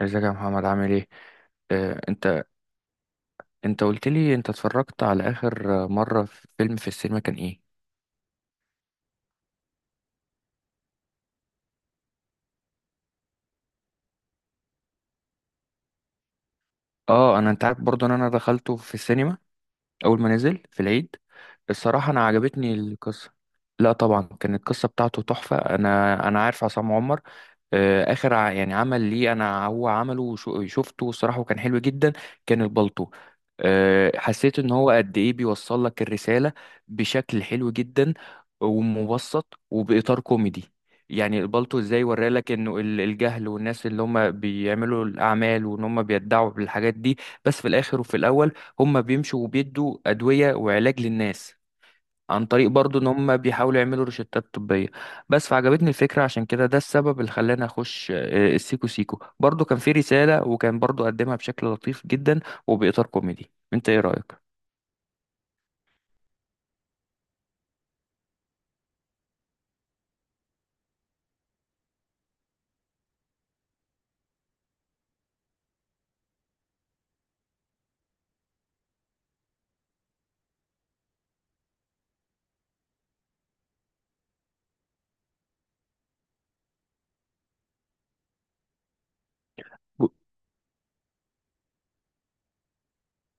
ازيك يا محمد عامل ايه. آه، انت انت قلت لي انت اتفرجت على اخر مره في فيلم في السينما كان ايه. اه انت عارف برضو ان انا دخلته في السينما اول ما نزل في العيد. الصراحه انا عجبتني القصه. لا طبعا كانت القصه بتاعته تحفه. انا عارف عصام عمر. اخر يعني عمل ليه انا هو عمله شفته الصراحه وكان حلو جدا. كان البلطو. حسيت ان هو قد ايه بيوصل لك الرساله بشكل حلو جدا، ومبسط وباطار كوميدي. يعني البلطو ازاي ورالك انه الجهل والناس اللي هم بيعملوا الاعمال وان هم بيدعوا بالحاجات دي، بس في الاخر وفي الاول هم بيمشوا وبيدوا أدوية وعلاج للناس عن طريق برضو ان هم بيحاولوا يعملوا روشتات طبية. بس فعجبتني الفكرة، عشان كده ده السبب اللي خلاني اخش، السيكو سيكو برضو كان في رسالة وكان برضو قدمها بشكل لطيف جدا وبإطار كوميدي. انت ايه رأيك؟ ب-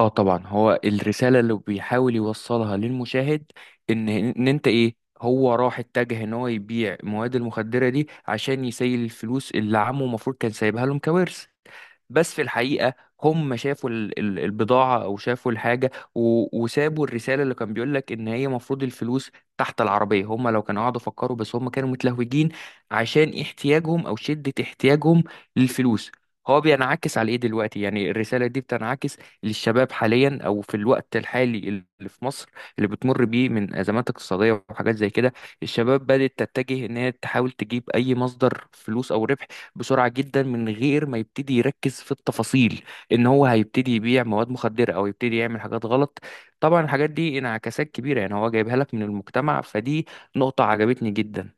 اه طبعا هو الرسالة اللي بيحاول يوصلها للمشاهد ان انت ايه هو راح اتجه ان هو يبيع المواد المخدرة دي عشان يسيل الفلوس اللي عمه المفروض كان سايبها لهم كوارث. بس في الحقيقة هم شافوا البضاعة أو شافوا الحاجة وسابوا الرسالة اللي كان بيقول لك إن هي مفروض الفلوس تحت العربية. هم لو كانوا قعدوا فكروا، بس هم كانوا متلهوجين عشان احتياجهم أو شدة احتياجهم للفلوس. هو بينعكس على إيه دلوقتي؟ يعني الرسالة دي بتنعكس للشباب حاليا أو في الوقت الحالي اللي في مصر، اللي بتمر بيه من أزمات اقتصادية وحاجات زي كده. الشباب بدأت تتجه إن هي تحاول تجيب أي مصدر فلوس أو ربح بسرعة جدا من غير ما يبتدي يركز في التفاصيل، ان هو هيبتدي يبيع مواد مخدرة او يبتدي يعمل حاجات غلط. طبعا الحاجات دي انعكاسات كبيرة، يعني هو جايبها لك من المجتمع، فدي نقطة عجبتني جدا.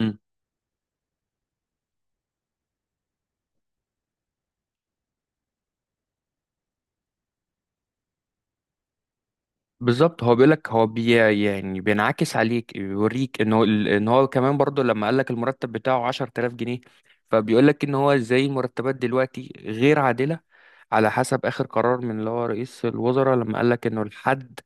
مم. بالظبط. هو بيقولك هو بي يعني بينعكس عليك، بيوريك ان هو كمان برضو لما قالك المرتب بتاعه 10000 جنيه، فبيقولك ان هو ازاي المرتبات دلوقتي غير عادلة على حسب آخر قرار من اللي هو رئيس الوزراء لما قال لك إنه الحد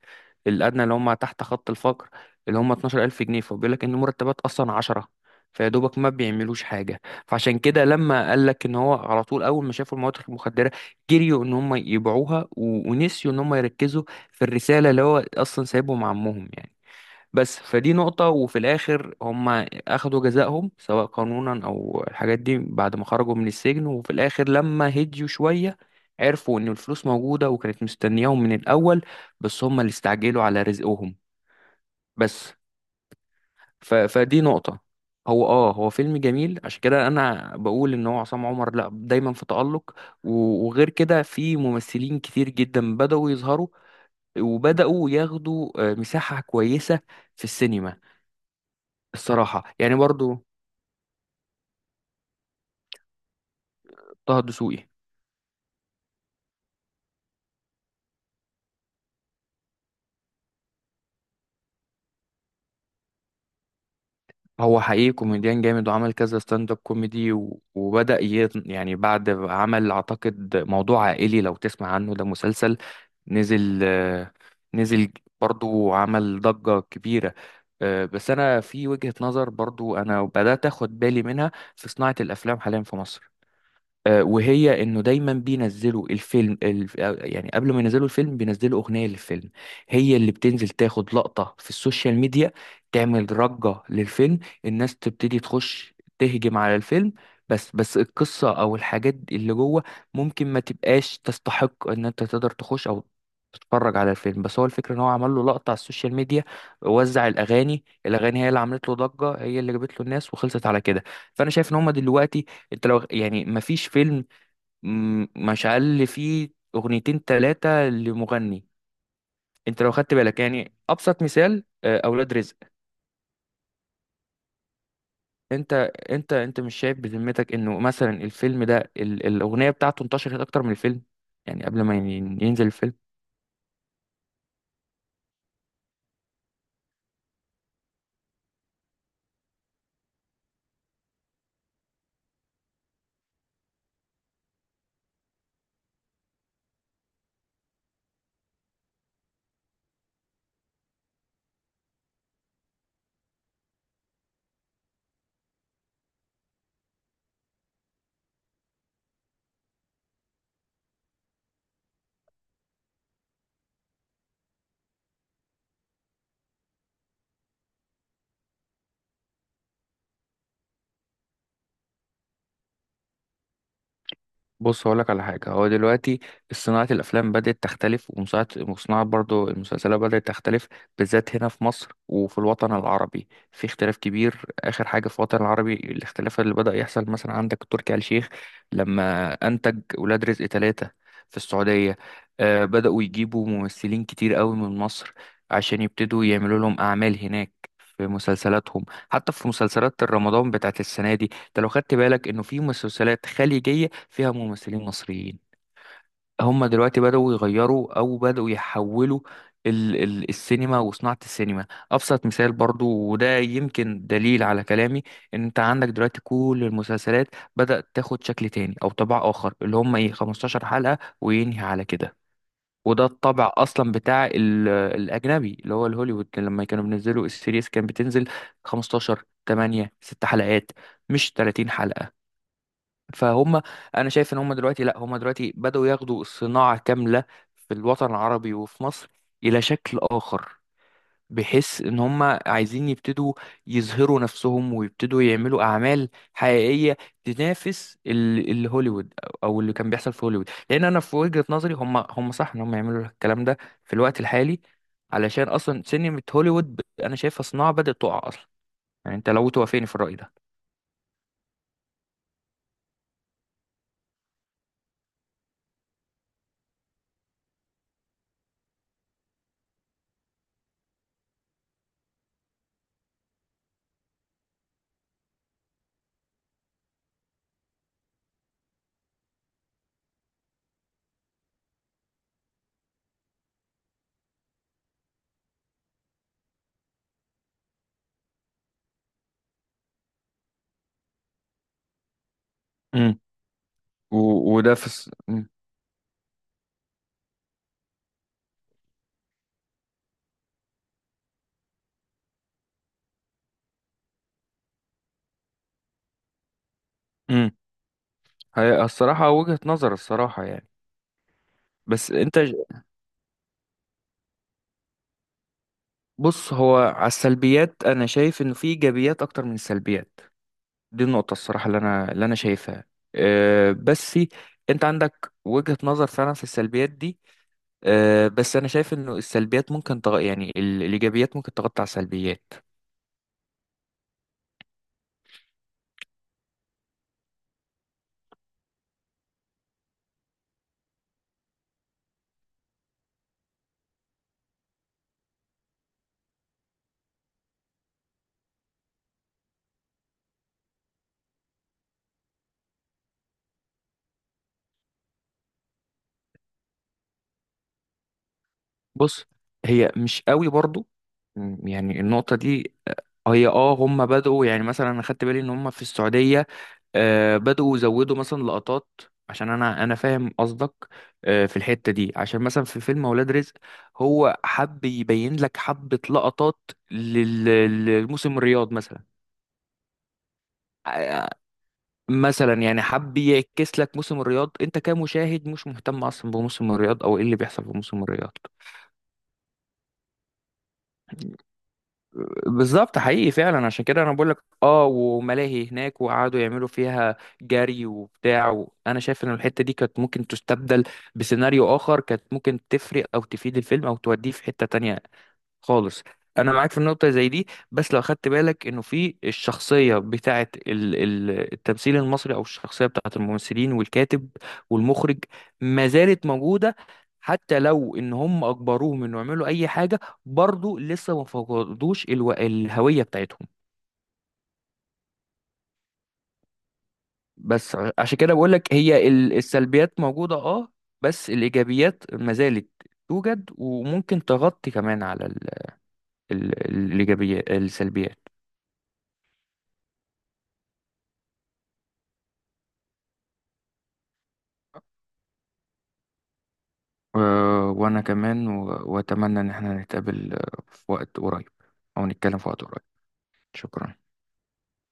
الأدنى اللي هم تحت خط الفقر اللي هم 12000 جنيه، فبيقول لك إن مرتبات أصلا 10، فيا دوبك ما بيعملوش حاجة. فعشان كده لما قال لك إن هو على طول أول ما شافوا المواد المخدرة جريوا إن هم يبيعوها ونسيوا إن هم يركزوا في الرسالة اللي هو أصلا سايبهم عمهم، يعني. بس فدي نقطة. وفي الآخر هم أخدوا جزائهم سواء قانونا أو الحاجات دي بعد ما خرجوا من السجن، وفي الآخر لما هديوا شوية عرفوا إن الفلوس موجودة وكانت مستنياهم من الأول، بس هم اللي استعجلوا على رزقهم. بس فدي نقطة. هو آه هو فيلم جميل، عشان كده أنا بقول إن هو عصام عمر لأ دايما في تألق. و... وغير كده في ممثلين كتير جدا بدأوا يظهروا وبدأوا ياخدوا مساحة كويسة في السينما الصراحة، يعني برضو. طه الدسوقي هو حقيقي كوميديان جامد وعمل كذا ستاند اب كوميدي، وبدأ يعني بعد عمل أعتقد موضوع عائلي، لو تسمع عنه، ده مسلسل نزل، نزل برضو، عمل ضجة كبيرة. بس أنا في وجهة نظر برضو أنا بدأت أخد بالي منها في صناعة الأفلام حاليا في مصر، وهي انه دايما بينزلوا الفيلم الف... آه، يعني قبل ما ينزلوا الفيلم بينزلوا اغنيه للفيلم، هي اللي بتنزل تاخد لقطه في السوشيال ميديا، تعمل ضجه للفيلم، الناس تبتدي تخش تهجم على الفيلم. بس القصه او الحاجات اللي جوه ممكن ما تبقاش تستحق ان انت تقدر تخش او تتفرج على الفيلم. بس هو الفكره ان هو عمل له لقطه على السوشيال ميديا، وزع الاغاني، الاغاني هي اللي عملت له ضجه، هي اللي جابت له الناس، وخلصت على كده. فانا شايف ان هم دلوقتي انت لو يعني مفيش فيلم مشعل فيه اغنيتين تلاتة لمغني. انت لو خدت بالك يعني ابسط مثال، اولاد رزق. انت انت مش شايف بذمتك انه مثلا الفيلم ده الاغنية بتاعته انتشرت اكتر من الفيلم؟ يعني قبل ما ينزل الفيلم. بص هقولك على حاجة. هو دلوقتي صناعة الأفلام بدأت تختلف، ومصنعة وصناعة برضو المسلسلات بدأت تختلف بالذات هنا في مصر وفي الوطن العربي، في اختلاف كبير. آخر حاجة في الوطن العربي الاختلاف اللي بدأ يحصل، مثلا عندك تركي آل الشيخ لما أنتج ولاد رزق ثلاثة في السعودية. آه بدأوا يجيبوا ممثلين كتير قوي من مصر عشان يبتدوا يعملوا لهم أعمال هناك في مسلسلاتهم، حتى في مسلسلات رمضان بتاعت السنة دي. انت لو خدت بالك انه في مسلسلات خليجية فيها ممثلين مصريين. هم دلوقتي بدأوا يغيروا او بدأوا يحولوا ال السينما وصناعة السينما. ابسط مثال برضو وده يمكن دليل على كلامي ان انت عندك دلوقتي كل المسلسلات بدأت تاخد شكل تاني او طبع اخر، اللي هم ايه، 15 حلقة وينهي على كده. وده الطبع اصلا بتاع الاجنبي اللي هو الهوليوود، لما كانوا بينزلوا السيريز كان بتنزل 15 8 6 حلقات مش 30 حلقة. فهم، انا شايف ان هم دلوقتي لا هم دلوقتي بدأوا ياخدوا الصناعة كاملة في الوطن العربي وفي مصر الى شكل اخر، بحيث ان هم عايزين يبتدوا يظهروا نفسهم ويبتدوا يعملوا اعمال حقيقية تنافس الهوليوود او اللي كان بيحصل في هوليوود. لان انا في وجهة نظري هم صح ان هم يعملوا الكلام ده في الوقت الحالي، علشان اصلا سينما هوليوود انا شايفها صناعة بدأت تقع اصلا. يعني انت لو توافقني في الرأي ده. امم و... وده في الس... مم. هي الصراحة وجهة نظر الصراحة، يعني. بس انت ج- بص هو على السلبيات انا شايف انه في ايجابيات اكتر من السلبيات، دي النقطة الصراحة اللي انا شايفها. أه بس انت عندك وجهة نظر فعلا في السلبيات دي. أه بس انا شايف انه السلبيات ممكن يعني الايجابيات ممكن تغطي على السلبيات. بص هي مش قوي برضو يعني النقطة دي. هي اه هم بدأوا، يعني مثلا انا خدت بالي ان هم في السعودية، بدأوا يزودوا مثلا لقطات، عشان انا فاهم قصدك، في الحتة دي، عشان مثلا في فيلم اولاد رزق هو حب يبين لك حبة لقطات لل- للموسم الرياض مثلا. آه، مثلا يعني حب يعكس لك موسم الرياض، انت كمشاهد مش مهتم اصلا بموسم الرياض او ايه اللي بيحصل في موسم الرياض. بالظبط حقيقي فعلا، عشان كده انا بقول لك اه، وملاهي هناك وقعدوا يعملوا فيها جري وبتاع. وانا شايف ان الحته دي كانت ممكن تستبدل بسيناريو اخر، كانت ممكن تفرق او تفيد الفيلم او توديه في حته تانية خالص. انا معاك في النقطه زي دي، بس لو خدت بالك انه في الشخصيه بتاعه التمثيل المصري او الشخصيه بتاعه الممثلين والكاتب والمخرج ما زالت موجوده، حتى لو ان هم اجبروهم انه يعملوا اي حاجه، برضو لسه ما فقدوش الهويه بتاعتهم. بس عشان كده بقول لك هي السلبيات موجوده اه، بس الايجابيات ما زالت توجد وممكن تغطي كمان على ال... ال... الايجابيات السلبيات. وأنا كمان وأتمنى إن احنا نتقابل في وقت قريب أو نتكلم في وقت قريب. شكرا.